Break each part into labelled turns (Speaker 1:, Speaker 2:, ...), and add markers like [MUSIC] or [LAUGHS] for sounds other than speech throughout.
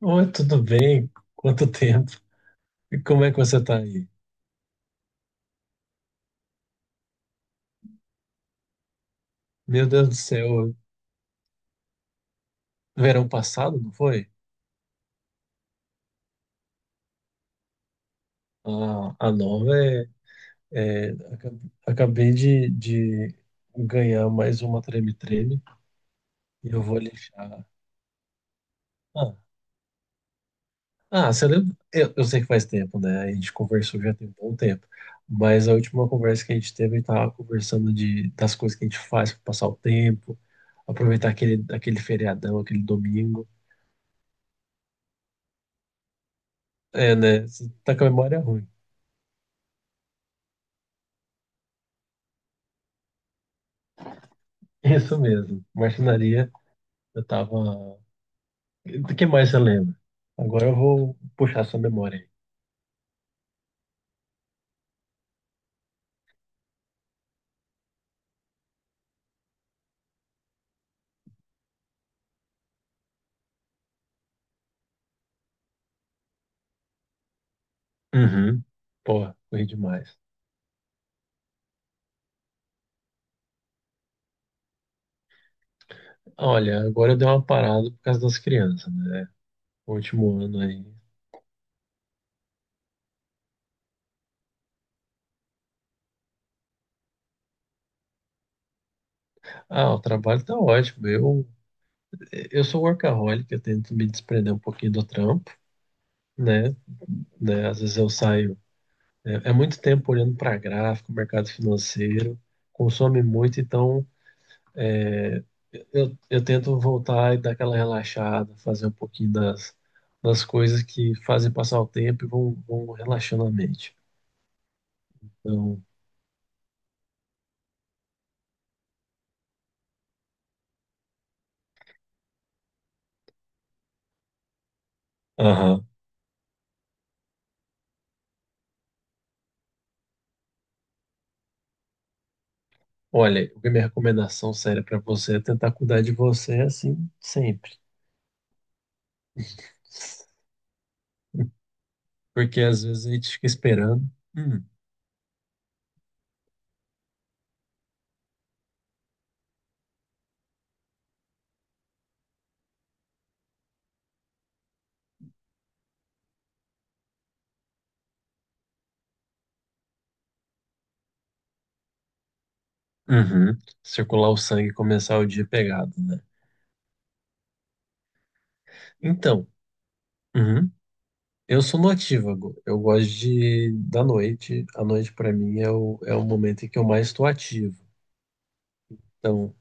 Speaker 1: Oi, tudo bem? Quanto tempo? E como é que você tá aí? Meu Deus do céu, verão passado, não foi? A nova é. Acabei de ganhar mais uma treme-treme e eu vou lixar. Ah, ah, você lembra? Eu sei que faz tempo, né? A gente conversou já tem um bom tempo. Mas a última conversa que a gente teve, a gente tava conversando das coisas que a gente faz para passar o tempo, aproveitar aquele feriadão, aquele domingo. É, né? Você tá com a memória ruim. [LAUGHS] Isso mesmo. Marcenaria, eu tava. O que mais você lembra? Agora eu vou puxar sua memória aí. Uhum. Porra, corri demais. Olha, agora eu dei uma parada por causa das crianças, né? O último ano aí. Ah, o trabalho tá ótimo. Eu sou workaholic, eu tento me desprender um pouquinho do trampo, né? né? Às vezes eu saio. É muito tempo olhando para gráfico, mercado financeiro, consome muito, então é, eu tento voltar e dar aquela relaxada, fazer um pouquinho das coisas que fazem passar o tempo e vão relaxando a mente. Então, aham. Olha, a minha recomendação séria para você é tentar cuidar de você assim sempre. [LAUGHS] Porque às vezes a gente fica esperando. Hum. Uhum. Circular o sangue e começar o dia pegado, né? Então, uhum. Eu sou notívago. Eu gosto de da noite. A noite para mim é o momento em que eu mais estou ativo. Então,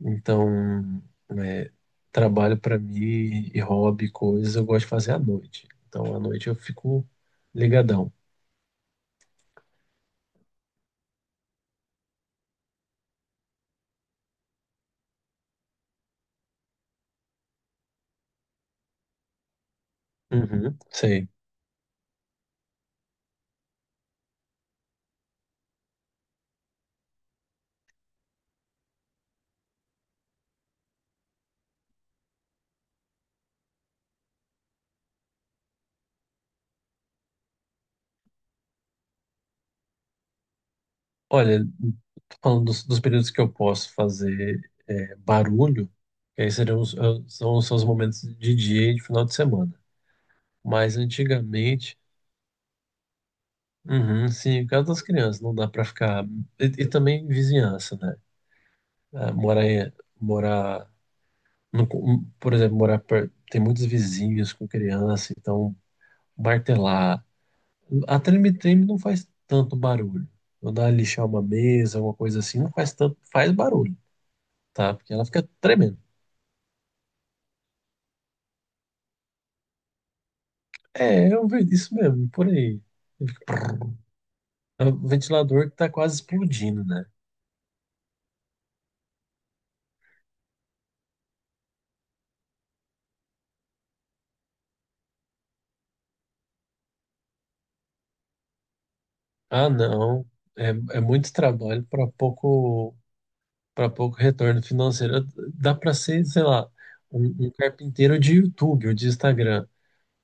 Speaker 1: Então, é, trabalho para mim e hobby, coisas, eu gosto de fazer à noite. Então, à noite eu fico ligadão. Uhum, sei. Olha, falando dos períodos que eu posso fazer barulho, que aí seriam os, são, são os momentos de dia e de final de semana. Mas antigamente, uhum, sim, por causa das crianças, não dá para ficar. E também vizinhança, né? Ah, morar, em- morar Não co- por exemplo, morar perto, tem muitos vizinhos com criança, então martelar. A treme-treme não faz tanto barulho. Quando ela lixar uma mesa, alguma coisa assim, não faz tanto, faz barulho, tá? Porque ela fica tremendo. É, eu vejo isso mesmo, por aí. É um ventilador que tá quase explodindo, né? Ah, não. É, é muito trabalho para pouco retorno financeiro. Dá para ser, sei lá, um carpinteiro de YouTube ou de Instagram.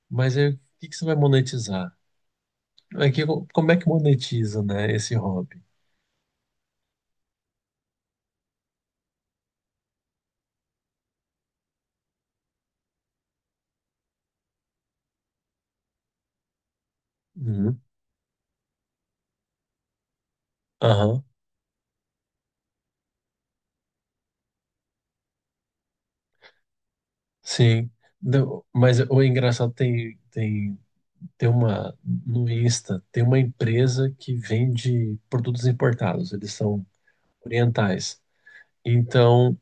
Speaker 1: Mas aí, o que que você vai monetizar? É que como é que monetiza, né, esse hobby? Uhum. Aham, sim. Não, mas o engraçado tem uma, no Insta, tem uma empresa que vende produtos importados, eles são orientais. Então,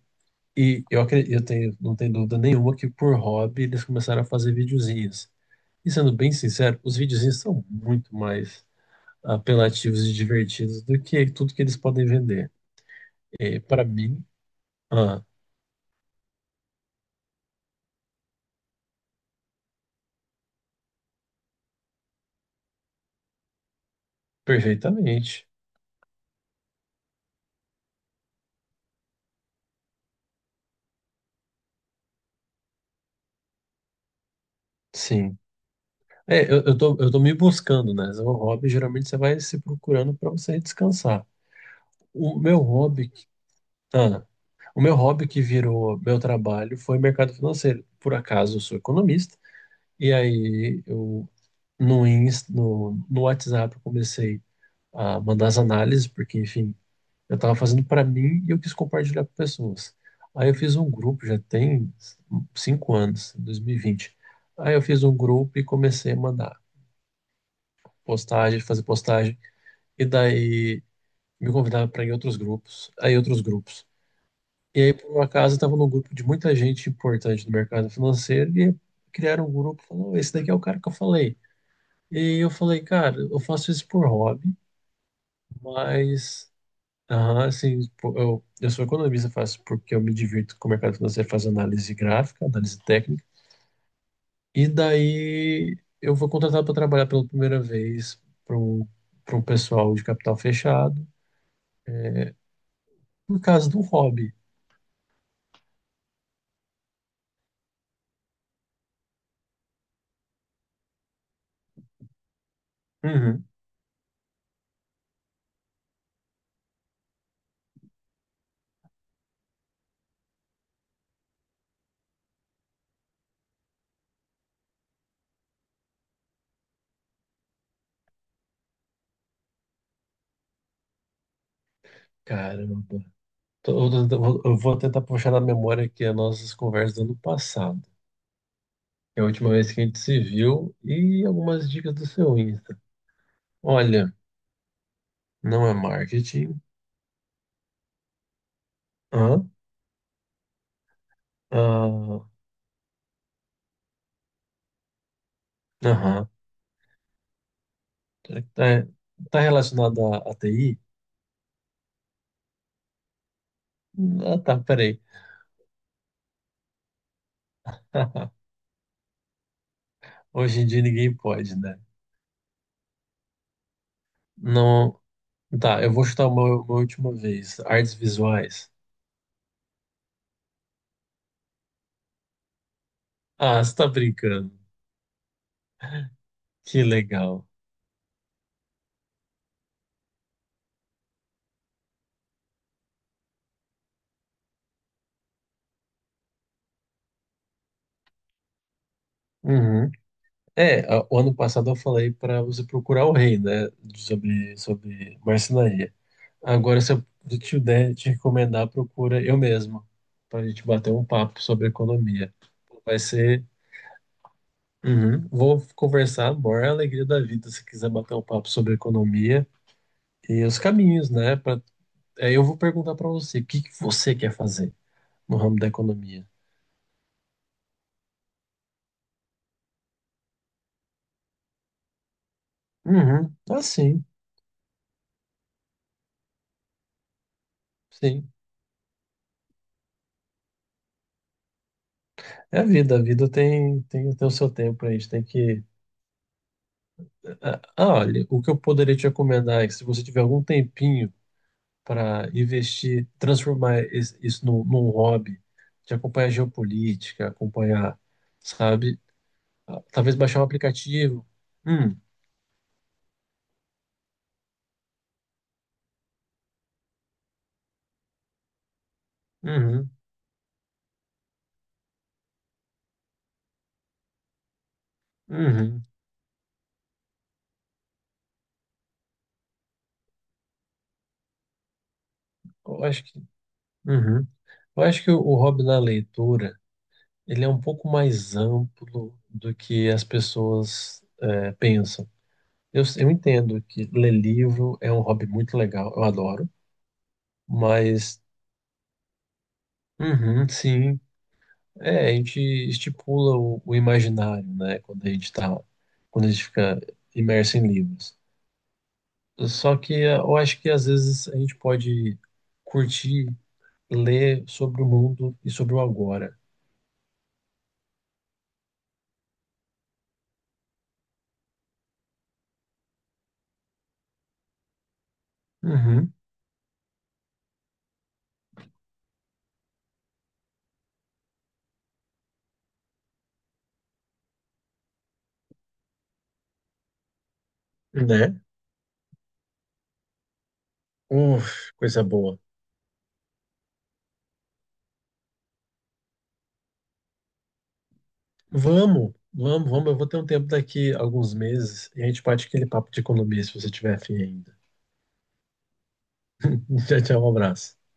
Speaker 1: e eu acredito, não tenho dúvida nenhuma que por hobby eles começaram a fazer videozinhos. E sendo bem sincero, os videozinhos são muito mais apelativos e divertidos do que tudo que eles podem vender. E para mim, ah, perfeitamente. Sim. É, eu tô me buscando, né? O hobby, geralmente você vai se procurando para você descansar. O meu hobby, que- ah, o meu hobby que virou meu trabalho foi mercado financeiro. Por acaso, eu sou economista. E aí, eu no Insta, no WhatsApp, eu comecei a mandar as análises, porque, enfim, eu estava fazendo para mim e eu quis compartilhar com pessoas. Aí eu fiz um grupo, já tem 5 anos, 2020. Aí eu fiz um grupo e comecei a mandar postagem, fazer postagem. E daí me convidava para ir em outros grupos, aí outros grupos. E aí, por um acaso, eu estava num grupo de muita gente importante do mercado financeiro e criaram um grupo e falaram, esse daqui é o cara que eu falei. E eu falei, cara, eu faço isso por hobby, mas aham, assim, pô, eu sou economista, faço porque eu me divirto com o mercado financeiro, faço análise gráfica, análise técnica, e daí eu vou contratado para trabalhar pela primeira vez para um, pessoal de capital fechado, por causa de um hobby. Uhum. Caramba. Tô- eu vou tentar puxar na memória aqui as nossas conversas do ano passado, que é a última vez que a gente se viu, e algumas dicas do seu Insta. Olha, não é marketing, hã? Ah, aham. Tá, tá relacionado à TI? Ah, tá, peraí. [LAUGHS] Hoje em dia ninguém pode, né? Não. Tá, eu vou chutar uma última vez. Artes visuais. Ah, você tá brincando. Que legal. Uhum. É, o ano passado eu falei para você procurar o rei, né? Sobre marcenaria. Agora, se eu te der, te recomendar, procura eu mesmo. Para a gente bater um papo sobre economia. Vai ser... Uhum. Vou conversar, amor, é a alegria da vida, se quiser bater um papo sobre economia e os caminhos, né? Pra... Aí eu vou perguntar para você, o que que você quer fazer no ramo da economia? Uhum. Ah, sim, sim. É a vida tem o seu tempo, a gente tem que... Ah, ah, olha, o que eu poderia te recomendar é que se você tiver algum tempinho para investir, transformar isso num hobby, de acompanhar geopolítica, acompanhar, sabe? Ah, talvez baixar um aplicativo. Hum, Uhum, uhum. Eu acho que, uhum. Eu acho que o hobby da leitura, ele é um pouco mais amplo do que as pessoas pensam. Eu entendo que ler livro é um hobby muito legal, eu adoro, mas, uhum, sim, é, a gente estipula o imaginário, né, quando a gente fica imerso em livros. Só que é, eu acho que às vezes a gente pode curtir ler sobre o mundo e sobre o agora. Uhum, né? Uf, coisa boa. Vamos, vamos, vamos. Eu vou ter um tempo daqui, a alguns meses, e a gente bate aquele papo de economia se você tiver fim ainda. [LAUGHS] Tchau, tchau, um abraço.